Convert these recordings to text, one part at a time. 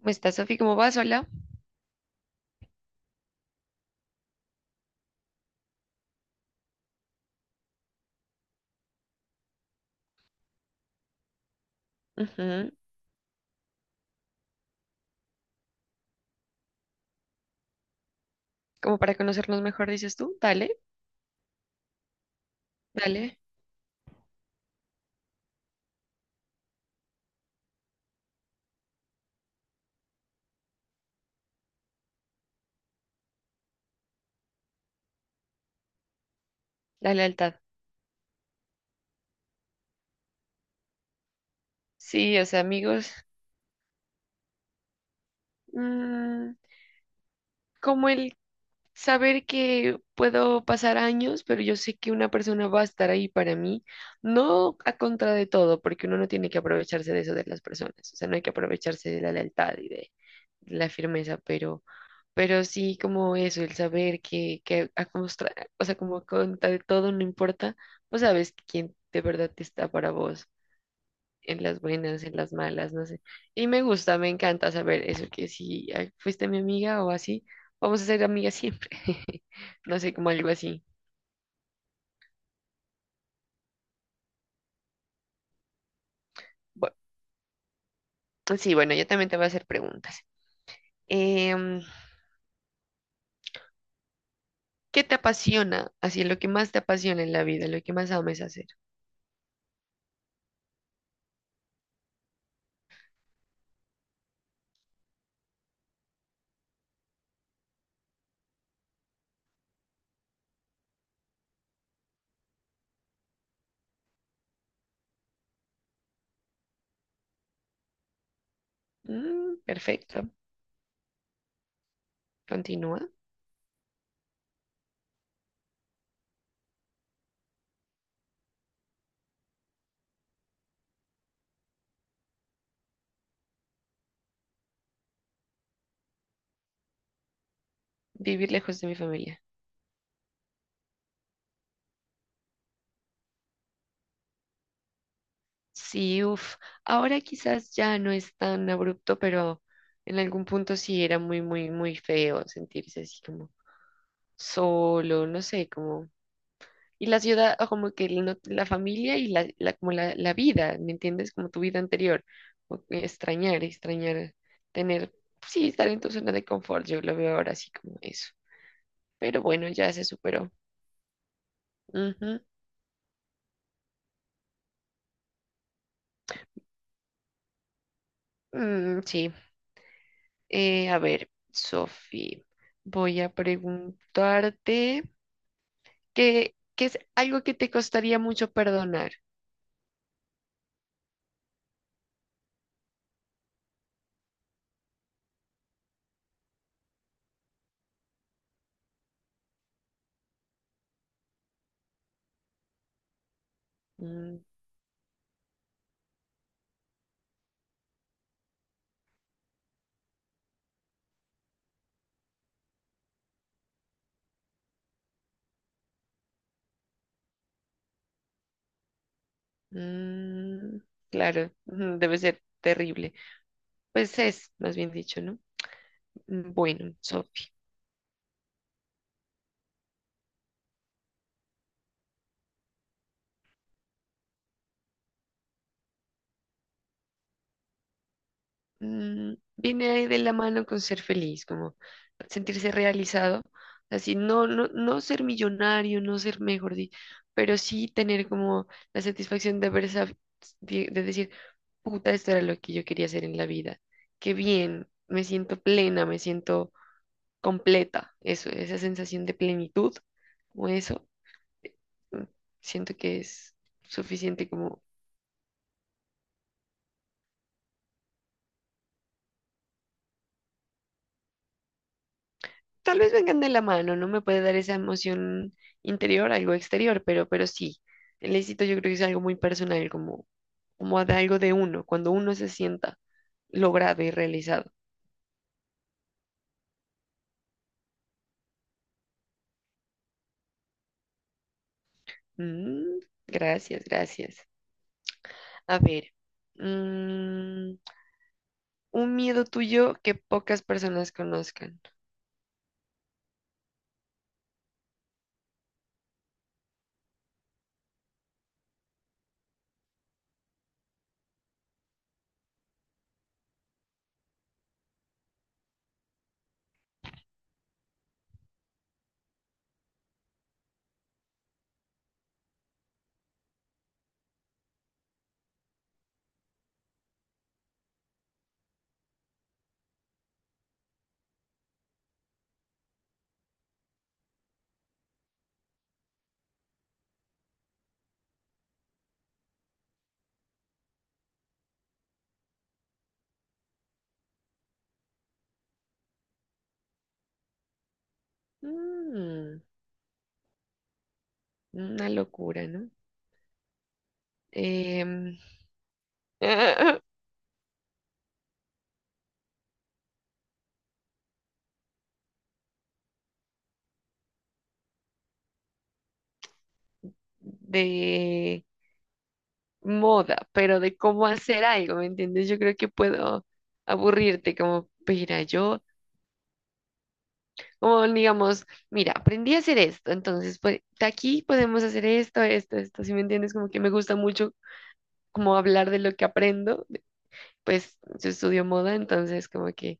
¿Cómo estás, Sofi? ¿Cómo vas? Hola. Ujú. Como para conocernos mejor, dices tú. Dale, dale, la lealtad. Sí, o sea, amigos, mm, como el saber que puedo pasar años, pero yo sé que una persona va a estar ahí para mí, no a contra de todo, porque uno no tiene que aprovecharse de eso de las personas, o sea, no hay que aprovecharse de la lealtad y de, la firmeza, pero sí como eso, el saber que a o sea, como contra de todo no importa, pues sabes quién de verdad está para vos, en las buenas, en las malas, no sé. Y me gusta, me encanta saber eso, que si ay, fuiste mi amiga o así, vamos a ser amigas siempre. No sé, como algo así. Bu- sí, bueno, yo también te voy a hacer preguntas. Em, ¿Qué te apasiona? Así, lo que más te apasiona en la vida, lo que más ames hacer. Mm, perfecto. Continúa. Vivir lejos de mi familia. Sí, uff, ahora quizás ya no es tan abrupto, pero en algún punto sí era muy, muy, muy feo sentirse así como solo, no sé, como... Y la ciudad, o como que la familia y como la vida, ¿me entiendes? Como tu vida anterior. O que extrañar, extrañar, tener, sí, estar en tu zona de confort, yo lo veo ahora así como eso. Pero bueno, ya se superó. Ujú. Mm, sí. A ver, Sofi, voy a preguntarte qué es algo que te costaría mucho perdonar. Mm, mm, claro, ujú, debe ser terrible. Pues es, más bien dicho, ¿no? Mm, bueno, viene ahí de la mano con ser feliz, como sentirse realizado, así no, no, no ser millonario, no ser mejor, pero sí tener como la satisfacción de haber de decir, puta, esto era lo que yo quería hacer en la vida, qué bien, me siento plena, me siento completa, eso, esa sensación de plenitud, o eso, mm, siento que es suficiente como tal vez vengan de la mano, no me puede dar esa emoción interior, algo exterior, pero sí, el éxito yo creo que es algo muy personal, como, como de algo de uno, cuando uno se sienta logrado y realizado. Mm, Gracias, gracias. A ver, mm, un miedo tuyo que pocas personas conozcan. Mm, una locura, ¿no? Em, de moda, pero de cómo hacer algo, ¿me entiendes? Yo creo que puedo aburrirte como, pues, mira, yo, como digamos, mira, aprendí a hacer esto, entonces, pues, de aquí podemos hacer esto, esto, esto, ¿sí me entiendes? Como que me gusta mucho como hablar de lo que aprendo, pues yo estudio moda, entonces como que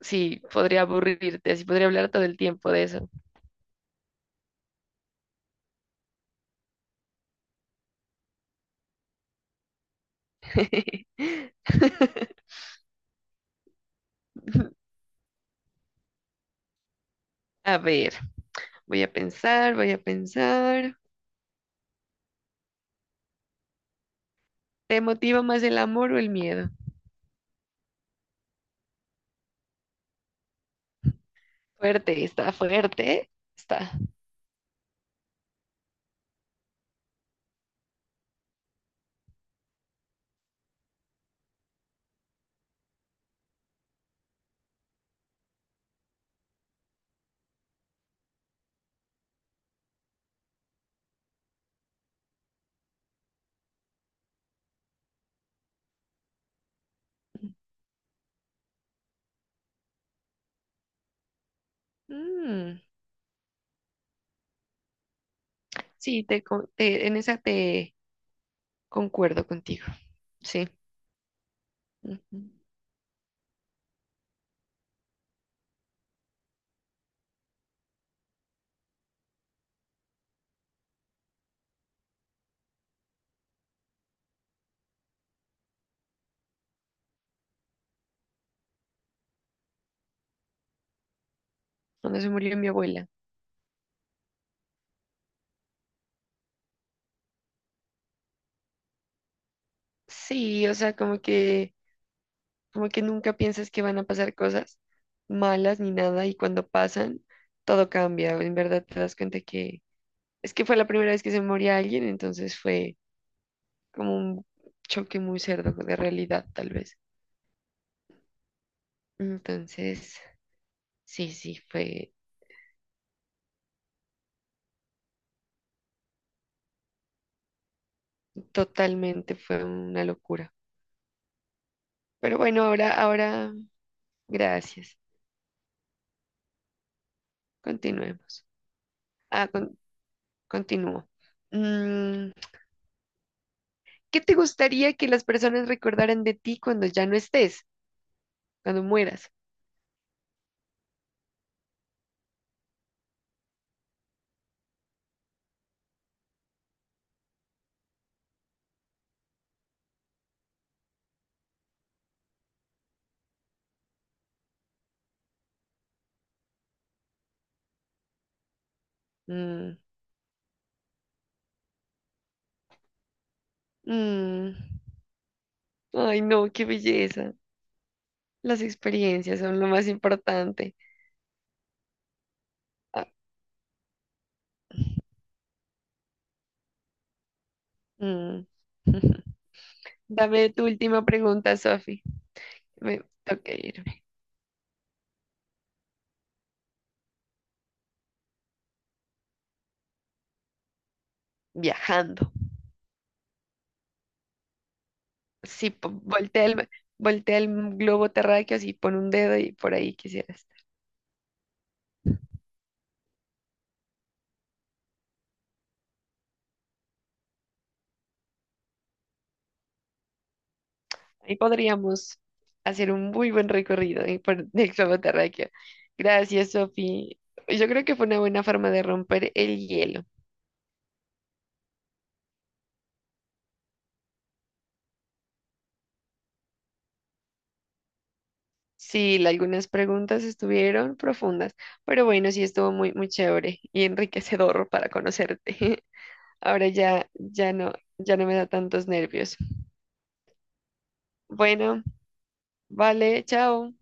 sí, podría aburrirte, así podría hablar todo el tiempo de eso. A ver, voy a pensar, voy a pensar. ¿Te motiva más el amor o el miedo? Fuerte, está fuerte, está. Mm, sí, en esa te concuerdo contigo. Sí. Ujú. Cuando se murió mi abuela. Sí, o sea, como que nunca piensas que van a pasar cosas malas ni nada, y cuando pasan, todo cambia. En verdad te das cuenta que es que fue la primera vez que se moría alguien, entonces fue como un choque muy cerdo de realidad, tal vez. Entonces, sí, sí, fue totalmente, fue una locura. Pero bueno, ahora, gracias. Continuemos. Ah, continúo. Mm, ¿Qué te gustaría que las personas recordaran de ti cuando ya no estés, cuando mueras? Mm, mm. Ay, no, qué belleza. Las experiencias son lo más importante. Ah, mm. Dame tu última pregunta, Sofi. Me toca irme. Viajando. Sí, voltea voltea el globo terráqueo, así pon un dedo y por ahí quisieras. Ahí podríamos hacer un muy buen recorrido por el globo terráqueo. Gracias, Sofi. Yo creo que fue una buena forma de romper el hielo. Sí, algunas preguntas estuvieron profundas, pero bueno, sí estuvo muy, muy chévere y enriquecedor para conocerte. Ahora ya no, ya no me da tantos nervios. Bueno, vale, chao.